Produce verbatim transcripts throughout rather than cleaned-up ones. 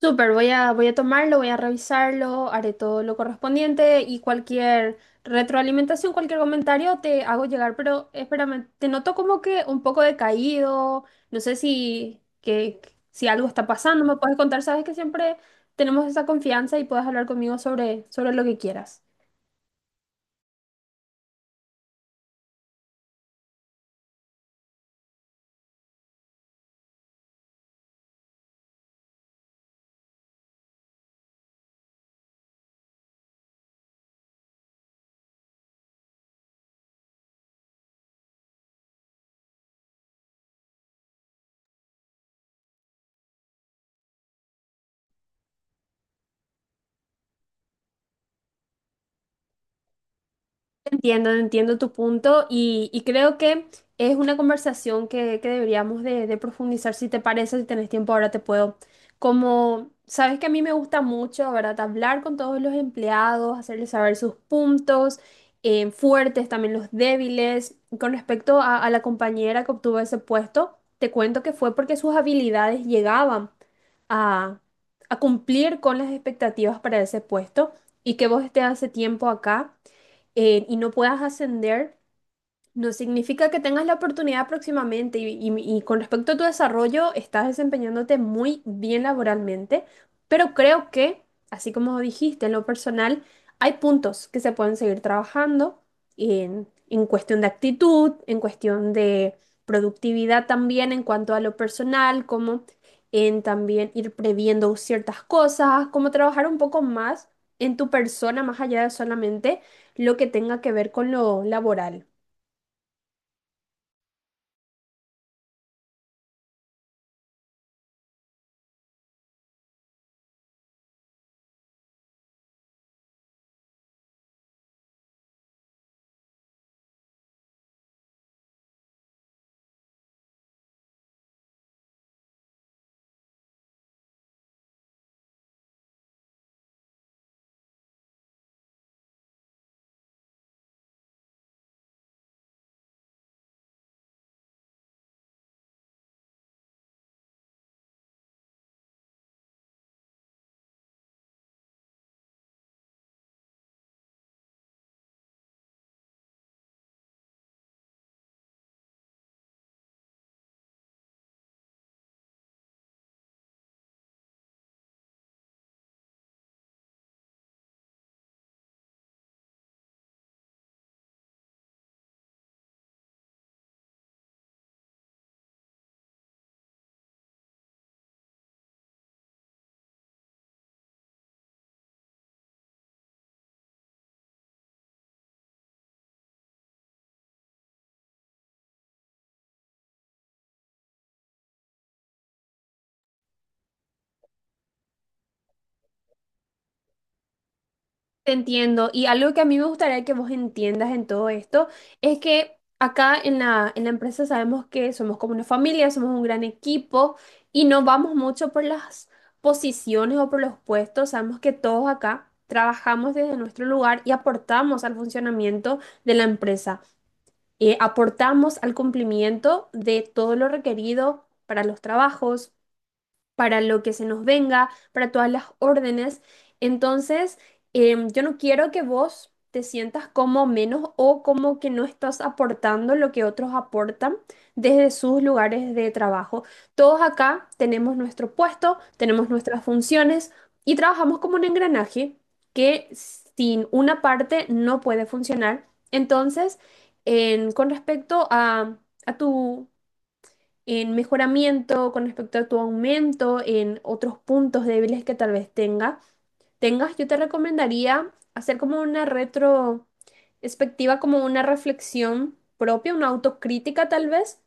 Súper, voy a, voy a tomarlo, voy a revisarlo, haré todo lo correspondiente y cualquier retroalimentación, cualquier comentario te hago llegar. Pero espérame, te noto como que un poco decaído, no sé si, que, si algo está pasando, me puedes contar, sabes que siempre tenemos esa confianza y puedes hablar conmigo sobre, sobre lo que quieras. Entiendo, entiendo tu punto y, y creo que es una conversación que, que deberíamos de, de profundizar, si te parece, si tenés tiempo ahora te puedo. Como sabes que a mí me gusta mucho, ¿verdad? Hablar con todos los empleados, hacerles saber sus puntos eh, fuertes, también los débiles. Con respecto a, a la compañera que obtuvo ese puesto, te cuento que fue porque sus habilidades llegaban a, a cumplir con las expectativas para ese puesto, y que vos estés hace tiempo acá, eh, y no puedas ascender, no significa que tengas la oportunidad próximamente. Y, y- y con respecto a tu desarrollo, estás desempeñándote muy bien laboralmente, pero creo que, así como dijiste en lo personal, hay puntos que se pueden seguir trabajando en, en cuestión de actitud, en cuestión de productividad, también en cuanto a lo personal, como en también ir previendo ciertas cosas, como trabajar un poco más en tu persona, más allá de solamente lo que tenga que ver con lo laboral. Te entiendo. Y algo que a mí me gustaría que vos entiendas en todo esto es que acá en la, en la empresa sabemos que somos como una familia, somos un gran equipo y no vamos mucho por las posiciones o por los puestos. Sabemos que todos acá trabajamos desde nuestro lugar y aportamos al funcionamiento de la empresa. Eh, aportamos al cumplimiento de todo lo requerido para los trabajos, para lo que se nos venga, para todas las órdenes. Entonces, em, yo no quiero que vos te sientas como menos o como que no estás aportando lo que otros aportan desde sus lugares de trabajo. Todos acá tenemos nuestro puesto, tenemos nuestras funciones y trabajamos como un engranaje que sin una parte no puede funcionar. Entonces, en- con respecto a, a tu en mejoramiento con respecto a tu aumento, en otros puntos débiles que tal vez tenga, tengas, yo te recomendaría hacer como una retrospectiva, como una reflexión propia, una autocrítica tal vez,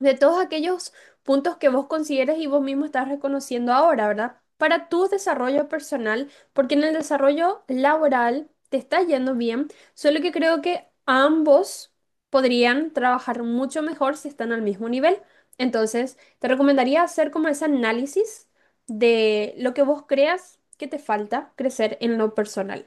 de todos aquellos puntos que vos consideres y vos mismo estás reconociendo ahora, ¿verdad? Para tu desarrollo personal, porque en el desarrollo laboral te está yendo bien, solo que creo que ambos podrían trabajar mucho mejor si están al mismo nivel. Entonces, te recomendaría hacer como ese análisis de lo que vos creas que te falta crecer en lo personal.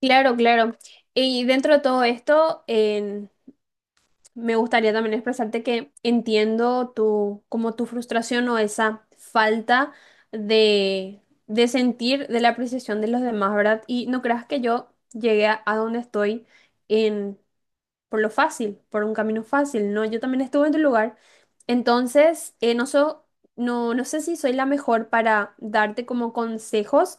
Claro, claro. Y dentro de todo esto, en me gustaría también expresarte que entiendo tu, como tu frustración o esa falta de, de sentir de la apreciación de los demás, ¿verdad? Y no creas que yo llegué a, a donde estoy en, por lo fácil, por un camino fácil, ¿no? Yo también estuve en tu lugar. Entonces, eh, no, so- no, no sé si soy la mejor para darte como consejos,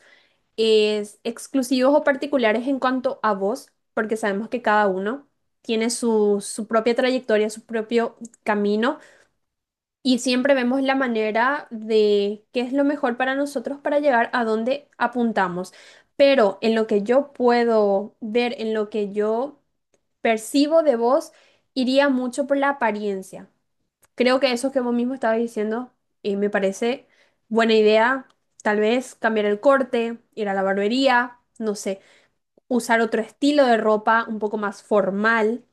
es exclusivos o particulares en cuanto a vos, porque sabemos que cada uno tiene su, su propia trayectoria, su propio camino, y siempre vemos la manera de qué es lo mejor para nosotros para llegar a donde apuntamos. Pero en lo que yo puedo ver, en lo que yo percibo de vos, iría mucho por la apariencia. Creo que eso que vos mismo estabas diciendo eh, me parece buena idea. Tal vez cambiar el corte, ir a la barbería, no sé, usar otro estilo de ropa un poco más formal.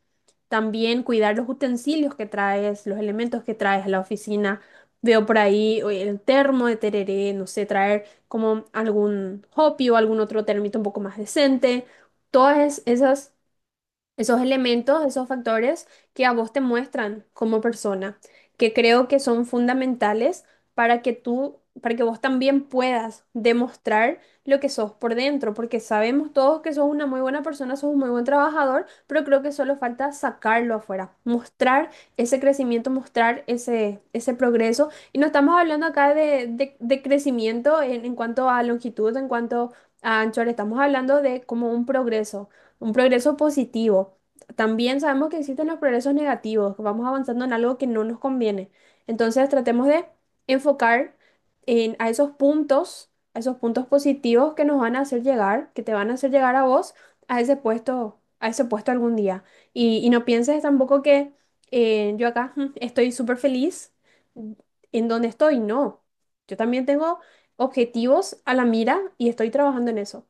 También cuidar los utensilios que traes, los elementos que traes a la oficina. Veo por ahí, oye, el termo de tereré, no sé, traer como algún hopi o algún otro termito un poco más decente. Todas es- esas, esos elementos, esos factores que a vos te muestran como persona, que creo que son fundamentales para que tú, para que vos también puedas demostrar lo que sos por dentro, porque sabemos todos que sos una muy buena persona, sos un muy buen trabajador, pero creo que solo falta sacarlo afuera, mostrar ese crecimiento, mostrar ese, ese progreso. Y no estamos hablando acá de, de- de crecimiento en, en cuanto a longitud, en cuanto a anchura, estamos hablando de como un progreso, un progreso positivo. También sabemos que existen los progresos negativos, que vamos avanzando en algo que no nos conviene. Entonces tratemos de enfocar en, a esos puntos, a esos puntos positivos que nos van a hacer llegar, que te van a hacer llegar a vos a ese puesto, a ese puesto algún día. Y, y no pienses tampoco que eh, yo acá mm, estoy súper feliz en donde estoy. No, yo también tengo objetivos a la mira y estoy trabajando en eso.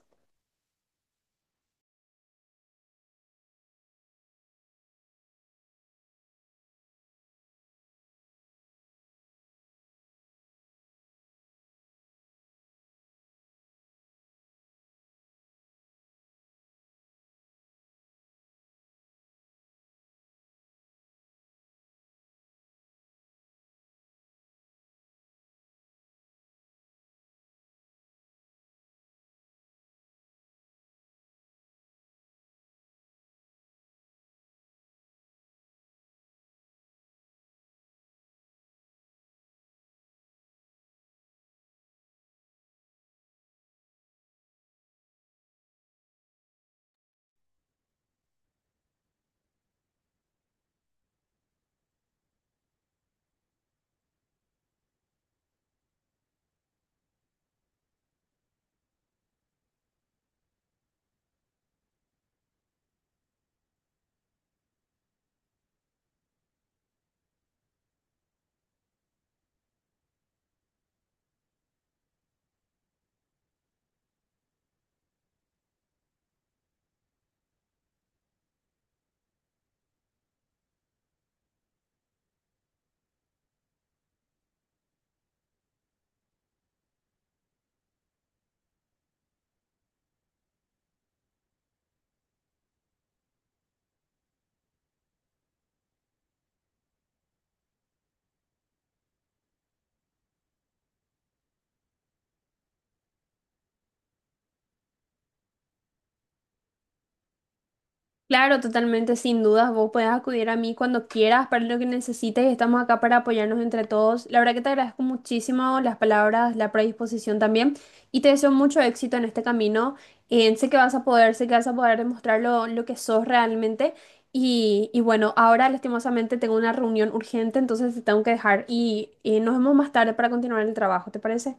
Claro, totalmente, sin dudas, vos puedes acudir a mí cuando quieras para lo que necesites, y estamos acá para apoyarnos entre todos. La verdad que te agradezco muchísimo las palabras, la predisposición también, y te deseo mucho éxito en este camino. Eh, sé que vas a poder, sé que vas a poder demostrar lo, lo que sos realmente. Y, y bueno, ahora lastimosamente tengo una reunión urgente, entonces te tengo que dejar, y eh, nos vemos más tarde para continuar el trabajo, ¿te parece?